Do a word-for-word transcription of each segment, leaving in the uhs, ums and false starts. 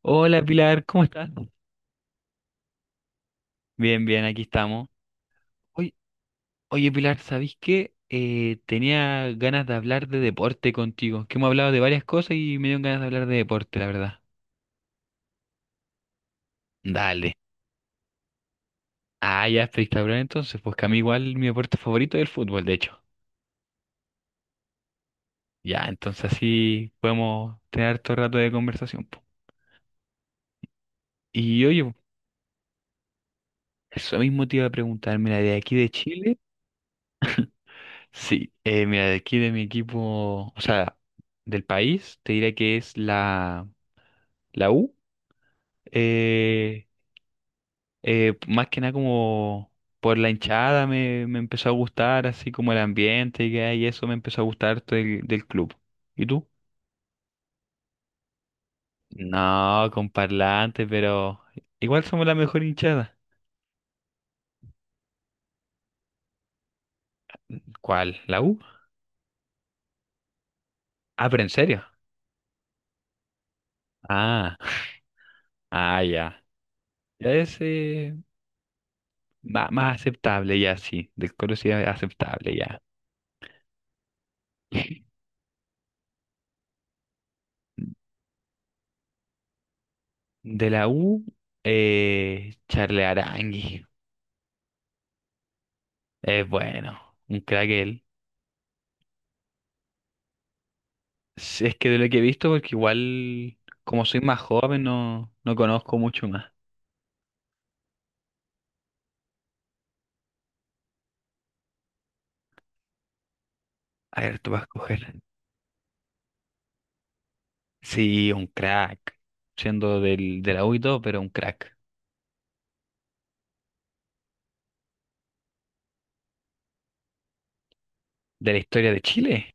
Hola Pilar, ¿cómo estás? Bien, bien, aquí estamos. Oy- Oye, Pilar, ¿sabís qué? Eh, tenía ganas de hablar de deporte contigo, que hemos hablado de varias cosas y me dio ganas de hablar de deporte, la verdad. Dale. Ah, ya, espectacular entonces, pues que a mí igual mi deporte favorito es el fútbol, de hecho. Ya, entonces así podemos tener todo rato de conversación, po. Y oye, eso mismo te iba a preguntar, mira, de aquí de Chile, sí, eh, mira, de aquí de mi equipo, o sea, del país, te diré que es la, la U. eh, eh, Más que nada como por la hinchada me, me empezó a gustar, así como el ambiente y, que hay, y eso me empezó a gustar harto del, del club. ¿Y tú? No, con parlante, pero igual somos la mejor hinchada. ¿Cuál? ¿La U? Ah, pero en serio. Ah, ah, ya. Ya es eh, ma- más aceptable, ya, sí. Del coro sí es aceptable, ya. De la U, eh, Charle Arangui. Es bueno, un crack él. Sí, es que de lo que he visto, porque igual, como soy más joven, no, no conozco mucho más. A ver, tú vas a escoger. Sí, un crack. Siendo del, de la U y todo, pero un crack. ¿De la historia de Chile?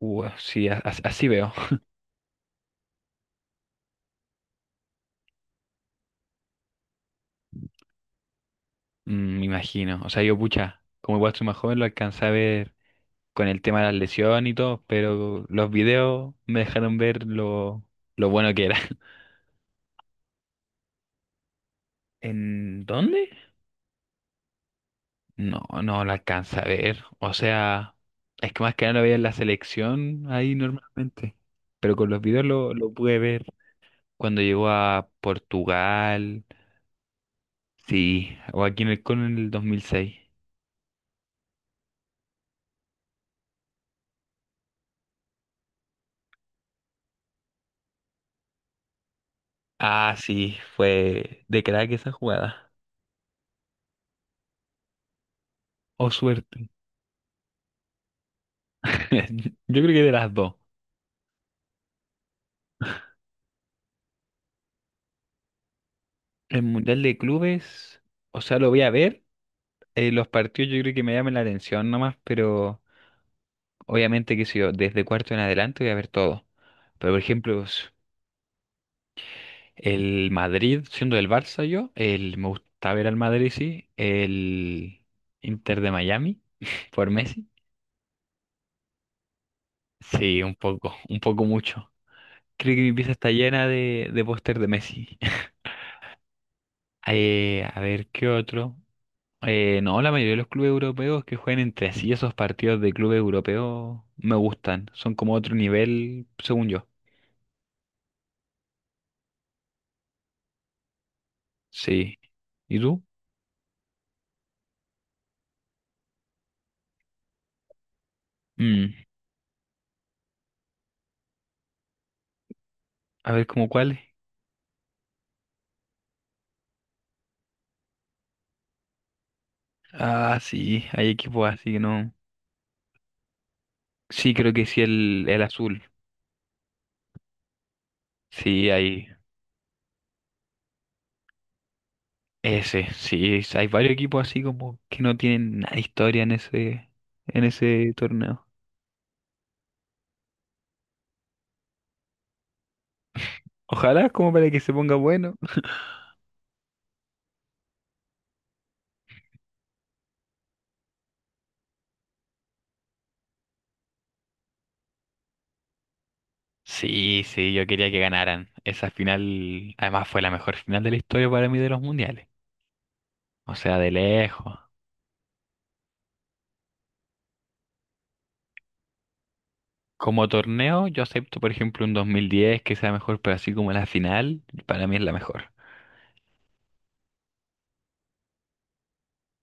Uh, sí, a- as- así veo. Mm, me imagino. O sea, yo, pucha, como igual soy más joven, lo alcancé a ver con el tema de las lesiones y todo, pero los videos me dejaron ver lo, lo bueno que era. ¿En dónde? No, no la alcanza a ver. O sea, es que más que nada lo veía en la selección ahí normalmente. Pero con los videos lo, lo pude ver cuando llegó a Portugal. Sí, o aquí en el CON en el dos mil seis. Ah, sí, fue de crack esa jugada. O suerte. Yo creo que de las dos. El Mundial de Clubes, o sea, lo voy a ver. eh, los partidos yo creo que me llaman la atención nomás, pero obviamente que si yo desde cuarto en adelante voy a ver todo. Pero por ejemplo, s- El Madrid, siendo del Barça yo, el, me gusta ver al Madrid, sí. El Inter de Miami, por Messi. Sí, un poco, un poco mucho. Creo que mi pieza está llena de, de póster de Messi. Eh, a ver, ¿qué otro? Eh, no, la mayoría de los clubes europeos que juegan entre sí, esos partidos de clubes europeos me gustan. Son como otro nivel, según yo. Sí. ¿Y tú? Mm, a ver, ¿cómo cuáles? Ah, sí, hay equipos así que no. Sí, creo que sí, el, el azul. Sí, hay ese. Sí, es- hay varios equipos así como que no tienen nada de historia en ese, en ese torneo. Ojalá como para que se ponga bueno. Sí, sí, yo quería que ganaran. Esa final, además, fue la mejor final de la historia para mí de los mundiales. O sea, de lejos. Como torneo, yo acepto, por ejemplo, un dos mil diez que sea mejor, pero así como la final, para mí es la mejor.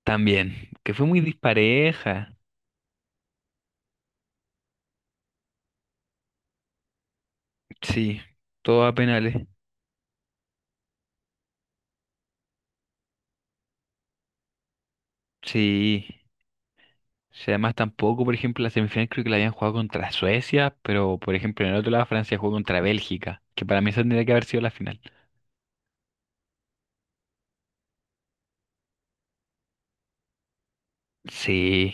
También, que fue muy dispareja. Sí, todo a penales. Sí. Si además tampoco, por ejemplo, la semifinal creo que la habían jugado contra Suecia, pero por ejemplo en el otro lado Francia jugó contra Bélgica, que para mí esa tendría que haber sido la final. Sí,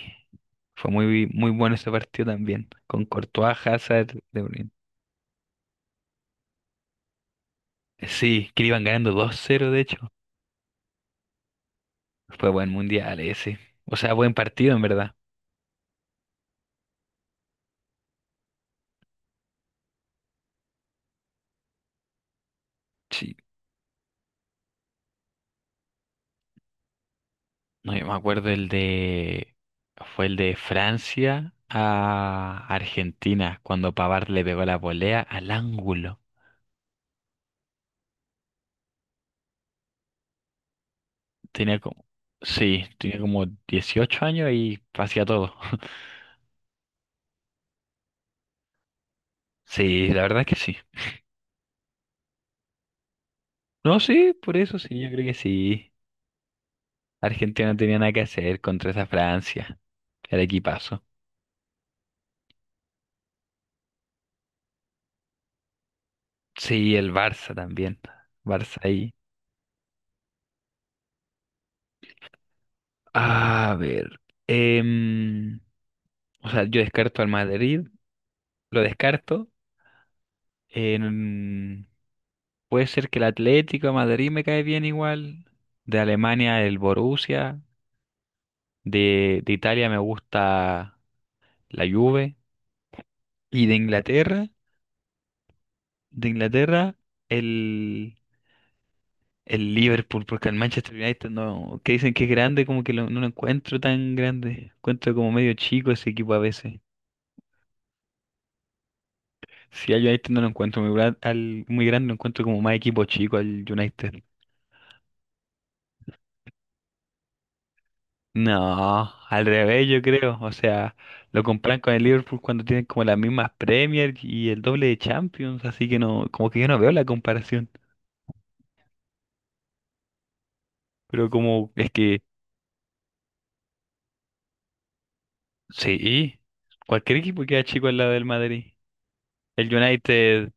fue muy, muy bueno ese partido también, con Courtois, Hazard, De Bruyne. Sí, que le iban ganando dos cero de hecho. Fue buen mundial ese. O sea, buen partido, en verdad. Sí, no, yo me acuerdo el de... Fue el de Francia a Argentina, cuando Pavard le pegó la volea al ángulo. Tenía como, sí, tenía como dieciocho años y hacía todo. Sí, la verdad es que sí. No, sí, por eso, sí, yo creo que sí. Argentina no tenía nada que hacer contra esa Francia. El equipazo. Sí, el Barça también. Barça ahí. A ver. em, o sea, yo descarto al Madrid. Lo descarto. En- puede ser que el Atlético de Madrid me cae bien igual. De Alemania, el Borussia. De, de Italia me gusta la Juve, y de Inglaterra, de Inglaterra el, el Liverpool, porque el Manchester United no, que dicen que es grande, como que lo- no lo encuentro tan grande, encuentro como medio chico ese equipo a veces. Si al United no lo encuentro muy, gran- al, muy grande, lo encuentro como más equipo chico, al United. No, al revés, yo creo, o sea, lo comparan con el Liverpool cuando tienen como las mismas Premier y el doble de Champions, así que no, como que yo no veo la comparación. Pero como es que... Sí, cualquier equipo queda chico al lado del Madrid. El United,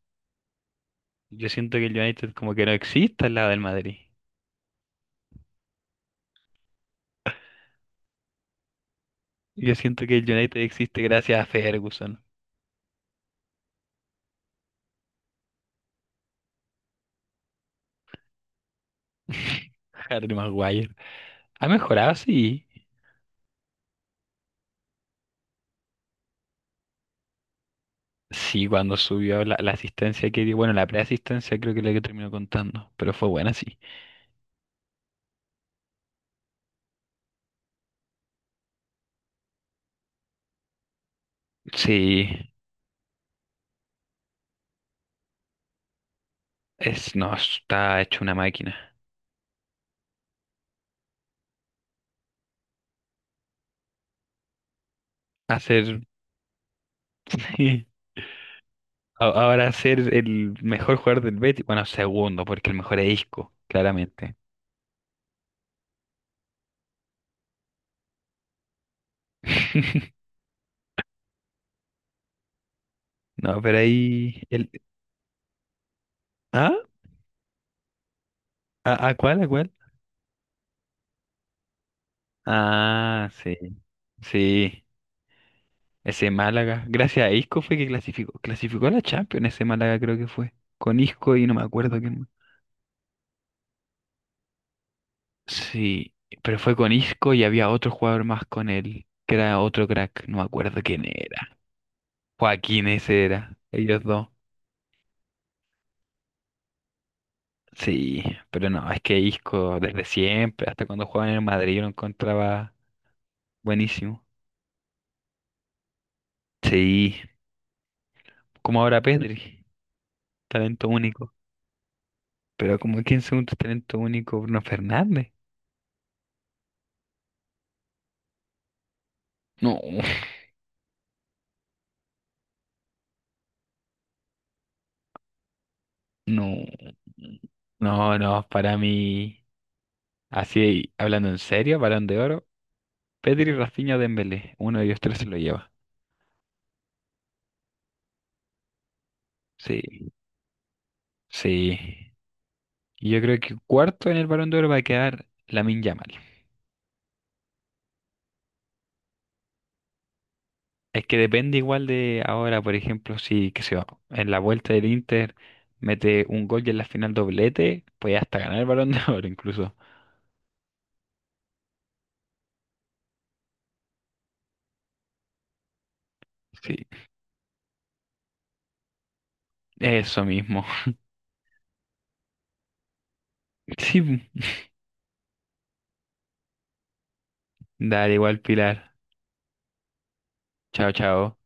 yo siento que el United como que no existe al lado del Madrid. Yo siento que el United existe gracias a Ferguson. Harry Maguire. Ha mejorado, sí. Sí, cuando subió la, la asistencia que dio, bueno, la preasistencia creo que es la que terminó contando, pero fue buena, sí. Sí, es, no, está hecho una máquina. Hacer, a- ahora ser el mejor jugador del Betis, bueno, segundo, porque el mejor es Isco, claramente. No, pero ahí el... ¿Ah? ¿A, a cuál? ¿A cuál? Ah, sí. Sí. Ese Málaga. Gracias a Isco fue que clasificó. Clasificó a la Champions ese Málaga, creo que fue. Con Isco y no me acuerdo quién más. Sí, pero fue con Isco y había otro jugador más con él, que era otro crack, no me acuerdo quién era. Joaquín, ese era, ellos dos. Sí, pero no, es que Isco desde siempre, hasta cuando jugaba en el Madrid, yo lo encontraba buenísimo. Sí, como ahora Pedri. Talento único. Pero como quince segundos talento único Bruno Fernández. No, no. No, no, para mí, así hablando en serio, Balón de Oro, Pedri, Rafinha, Dembélé, uno de ellos tres se lo lleva. Sí, sí. Y Yo creo que cuarto en el Balón de Oro va a quedar Lamine Yamal. Es que depende igual de ahora, por ejemplo, si que se va en la vuelta del Inter mete un gol, y en la final, doblete, puede hasta ganar el Balón de Oro incluso. Sí, eso mismo. Sí, dale, igual, Pilar. Chao, chao.